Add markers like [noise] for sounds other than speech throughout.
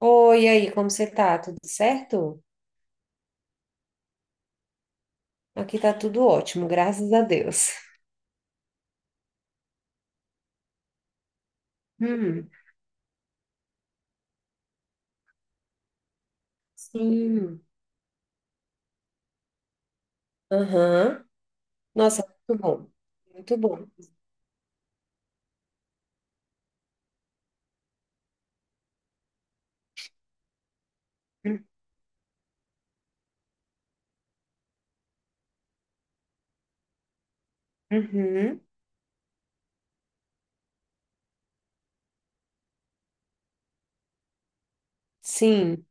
Oi, e aí, como você tá? Tudo certo? Aqui tá tudo ótimo, graças a Deus. Hum, sim. Aham. Nossa, muito bom. Muito bom. Uhum. Sim.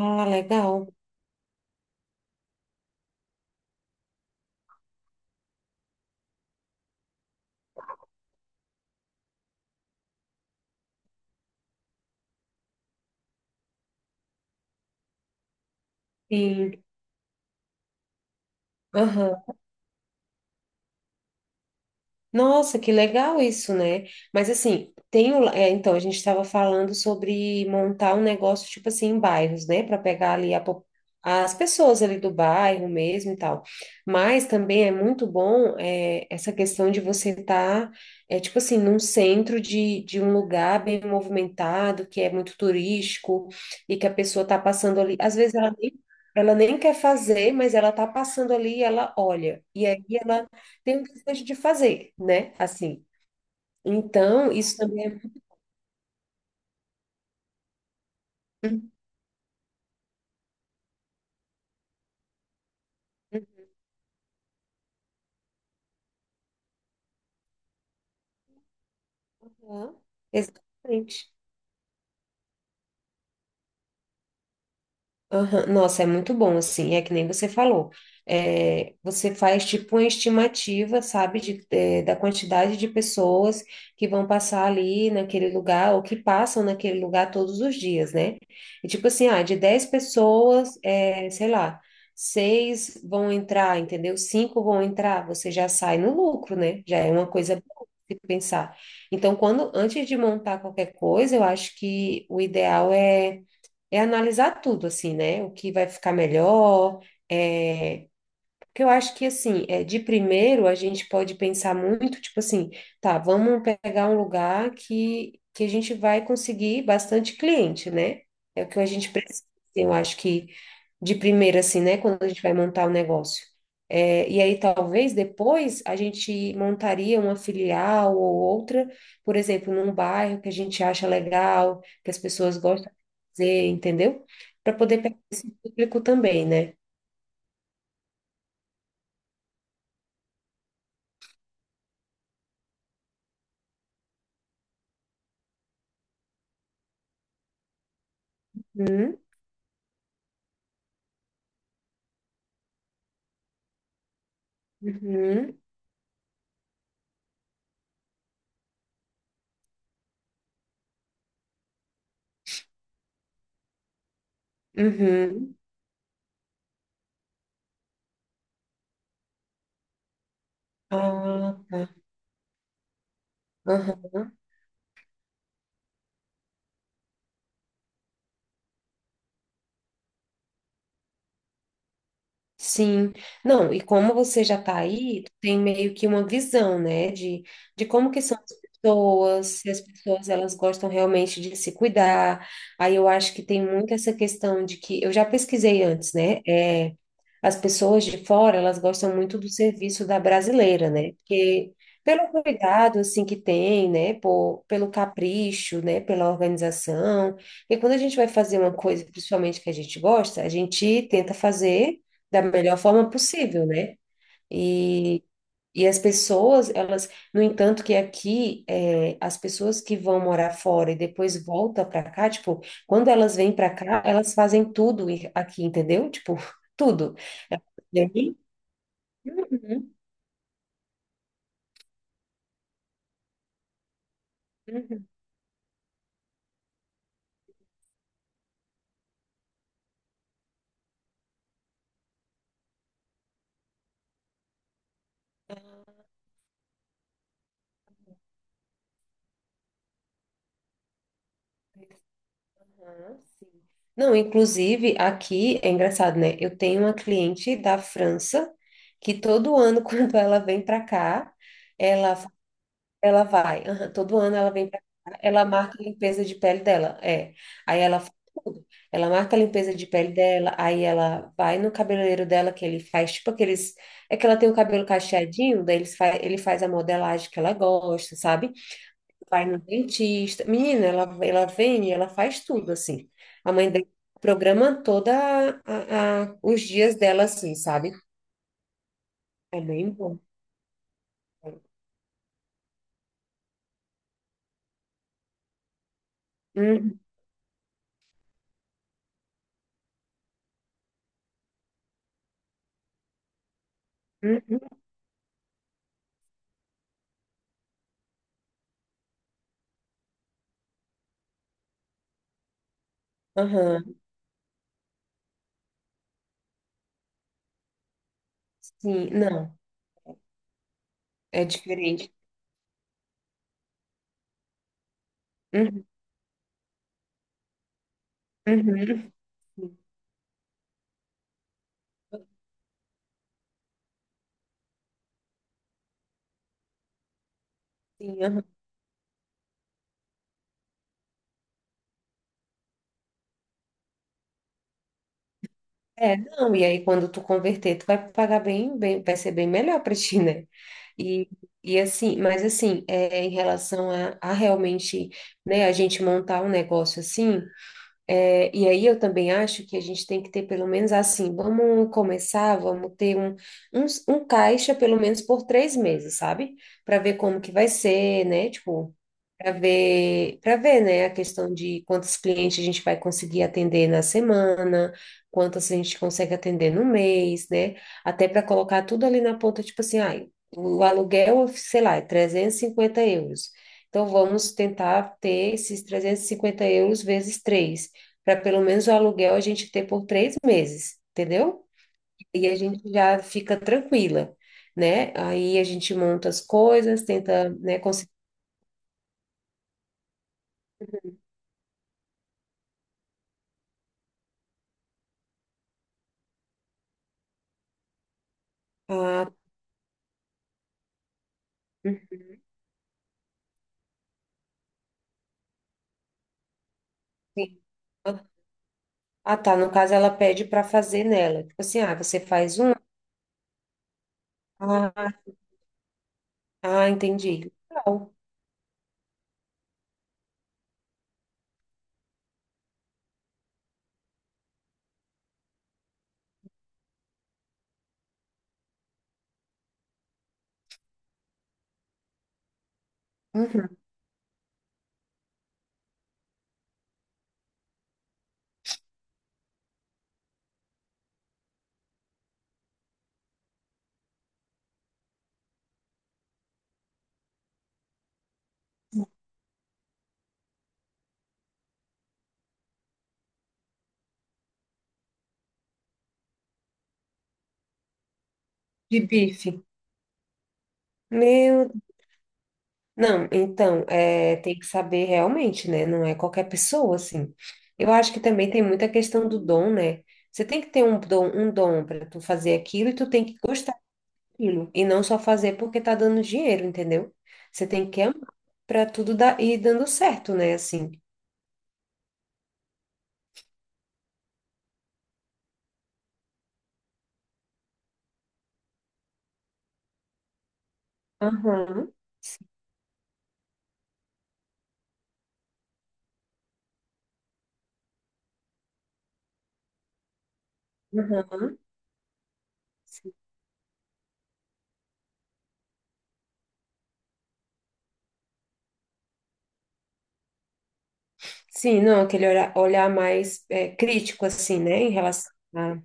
Ah, legal. Sim. Aham. Nossa, que legal isso, né? Mas assim, então a gente estava falando sobre montar um negócio tipo assim em bairros, né, para pegar ali as pessoas ali do bairro mesmo e tal. Mas também é muito bom, essa questão de você estar tipo assim num centro de um lugar bem movimentado, que é muito turístico e que a pessoa está passando ali. Às vezes ela nem quer fazer, mas ela está passando ali e ela olha. E aí ela tem um desejo de fazer, né? Assim. Então, isso também é. Uhum. Exatamente. Aham, nossa, é muito bom, assim, é que nem você falou. É, você faz tipo uma estimativa, sabe, da quantidade de pessoas que vão passar ali naquele lugar ou que passam naquele lugar todos os dias, né? E tipo assim, ah, de 10 pessoas, sei lá, seis vão entrar, entendeu? Cinco vão entrar, você já sai no lucro, né? Já é uma coisa boa de pensar. Então, quando antes de montar qualquer coisa, eu acho que o ideal é analisar tudo, assim, né? O que vai ficar melhor, é, porque eu acho que, assim, de primeiro a gente pode pensar muito, tipo assim, tá, vamos pegar um lugar que a gente vai conseguir bastante cliente, né? É o que a gente precisa, assim, eu acho que de primeiro, assim, né, quando a gente vai montar o negócio. E aí, talvez, depois, a gente montaria uma filial ou outra, por exemplo, num bairro que a gente acha legal, que as pessoas gostam de fazer, entendeu? Para poder pegar esse público também, né? Uhum, uhum. Uhum. Ah, tá. Aham. Sim. Não, e como você já está aí, tu tem meio que uma visão, né, de como que são as pessoas, se as pessoas elas gostam realmente de se cuidar. Aí eu acho que tem muito essa questão de que eu já pesquisei antes, né? É, as pessoas de fora, elas gostam muito do serviço da brasileira, né? Porque pelo cuidado, assim, que tem, né? Pelo capricho, né? Pela organização. E quando a gente vai fazer uma coisa, principalmente que a gente gosta, a gente tenta fazer da melhor forma possível, né? E as pessoas, elas, no entanto, que aqui, as pessoas que vão morar fora e depois volta para cá, tipo, quando elas vêm para cá, elas fazem tudo aqui, entendeu? Tipo, [laughs] tudo. Elas vêm- Uhum, uhum. Aham, sim. Não, inclusive, aqui é engraçado, né? Eu tenho uma cliente da França que todo ano, [laughs] quando ela vem para cá, ela Ela vai, aham, todo ano ela vem pra cá, ela marca a limpeza de pele dela, é. Aí ela faz tudo. Ela marca a limpeza de pele dela, aí ela vai no cabeleireiro dela que ele faz, tipo aqueles, é que ela tem o cabelo cacheadinho, daí ele faz a modelagem que ela gosta, sabe? Vai no dentista. Menina, ela vem e ela faz tudo assim. A mãe dela programa toda os dias dela assim, sabe? É bem bom. Uhum, uhum. Uhum. Aham, sim, não, é diferente. Uhum, uhum. Sim, aham. É, não, e aí quando tu converter, tu vai pagar bem, bem, vai ser bem melhor para ti, né? E, e assim, mas assim, em relação a realmente, né, a gente montar um negócio assim, e aí eu também acho que a gente tem que ter pelo menos assim, vamos começar, vamos ter um caixa pelo menos por 3 meses, sabe? Para ver como que vai ser, né? Tipo, para ver, né, a questão de quantos clientes a gente vai conseguir atender na semana, quantos a gente consegue atender no mês, né? Até para colocar tudo ali na ponta, tipo assim, ah, o aluguel, sei lá, é 350 euros. Então vamos tentar ter esses 350 euros vezes três, para pelo menos o aluguel a gente ter por 3 meses, entendeu? E a gente já fica tranquila. Né? Aí a gente monta as coisas, tenta, né, conseguir a. Sim. Ah, tá. No caso, ela pede para fazer nela. Tipo assim, ah, você faz um. Ah, ah, entendi. Legal. Uhum. De bife. Meu. Não, então, é, tem que saber realmente, né? Não é qualquer pessoa, assim. Eu acho que também tem muita questão do dom, né? Você tem que ter um dom para tu fazer aquilo e tu tem que gostar daquilo. E não só fazer porque tá dando dinheiro, entendeu? Você tem que amar para tudo dar, ir dando certo, né? Assim. Aham. Sim. Aham. Sim, não, aquele olhar, olhar mais crítico, assim, né, em relação a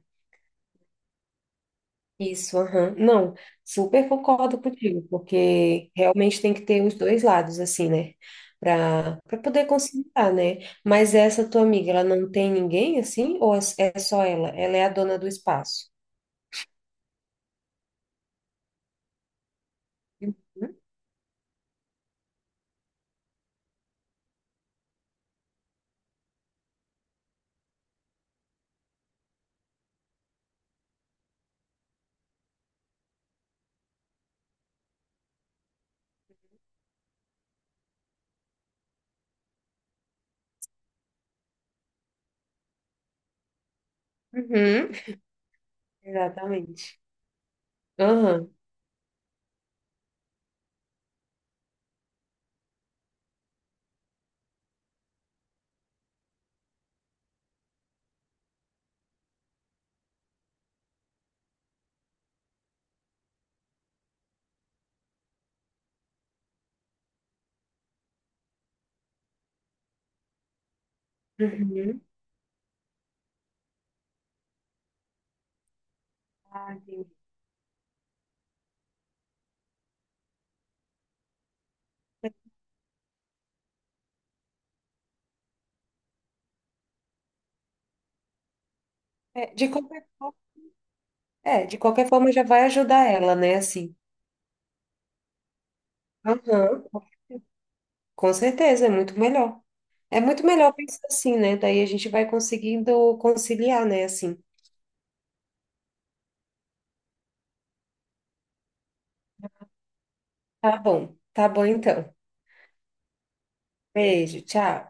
isso, aham. Não, super concordo contigo, porque realmente tem que ter os dois lados, assim, né, para poder conciliar, né? Mas essa tua amiga, ela não tem ninguém, assim, ou é só ela? Ela é a dona do espaço? Uhum, exatamente. Aham. Uhum. Ah, entendi. É, de qualquer forma, de qualquer forma já vai ajudar ela, né, assim. Aham. Com certeza, é muito melhor. É muito melhor pensar assim, né? Daí a gente vai conseguindo conciliar, né? Assim. Tá bom então. Beijo, tchau.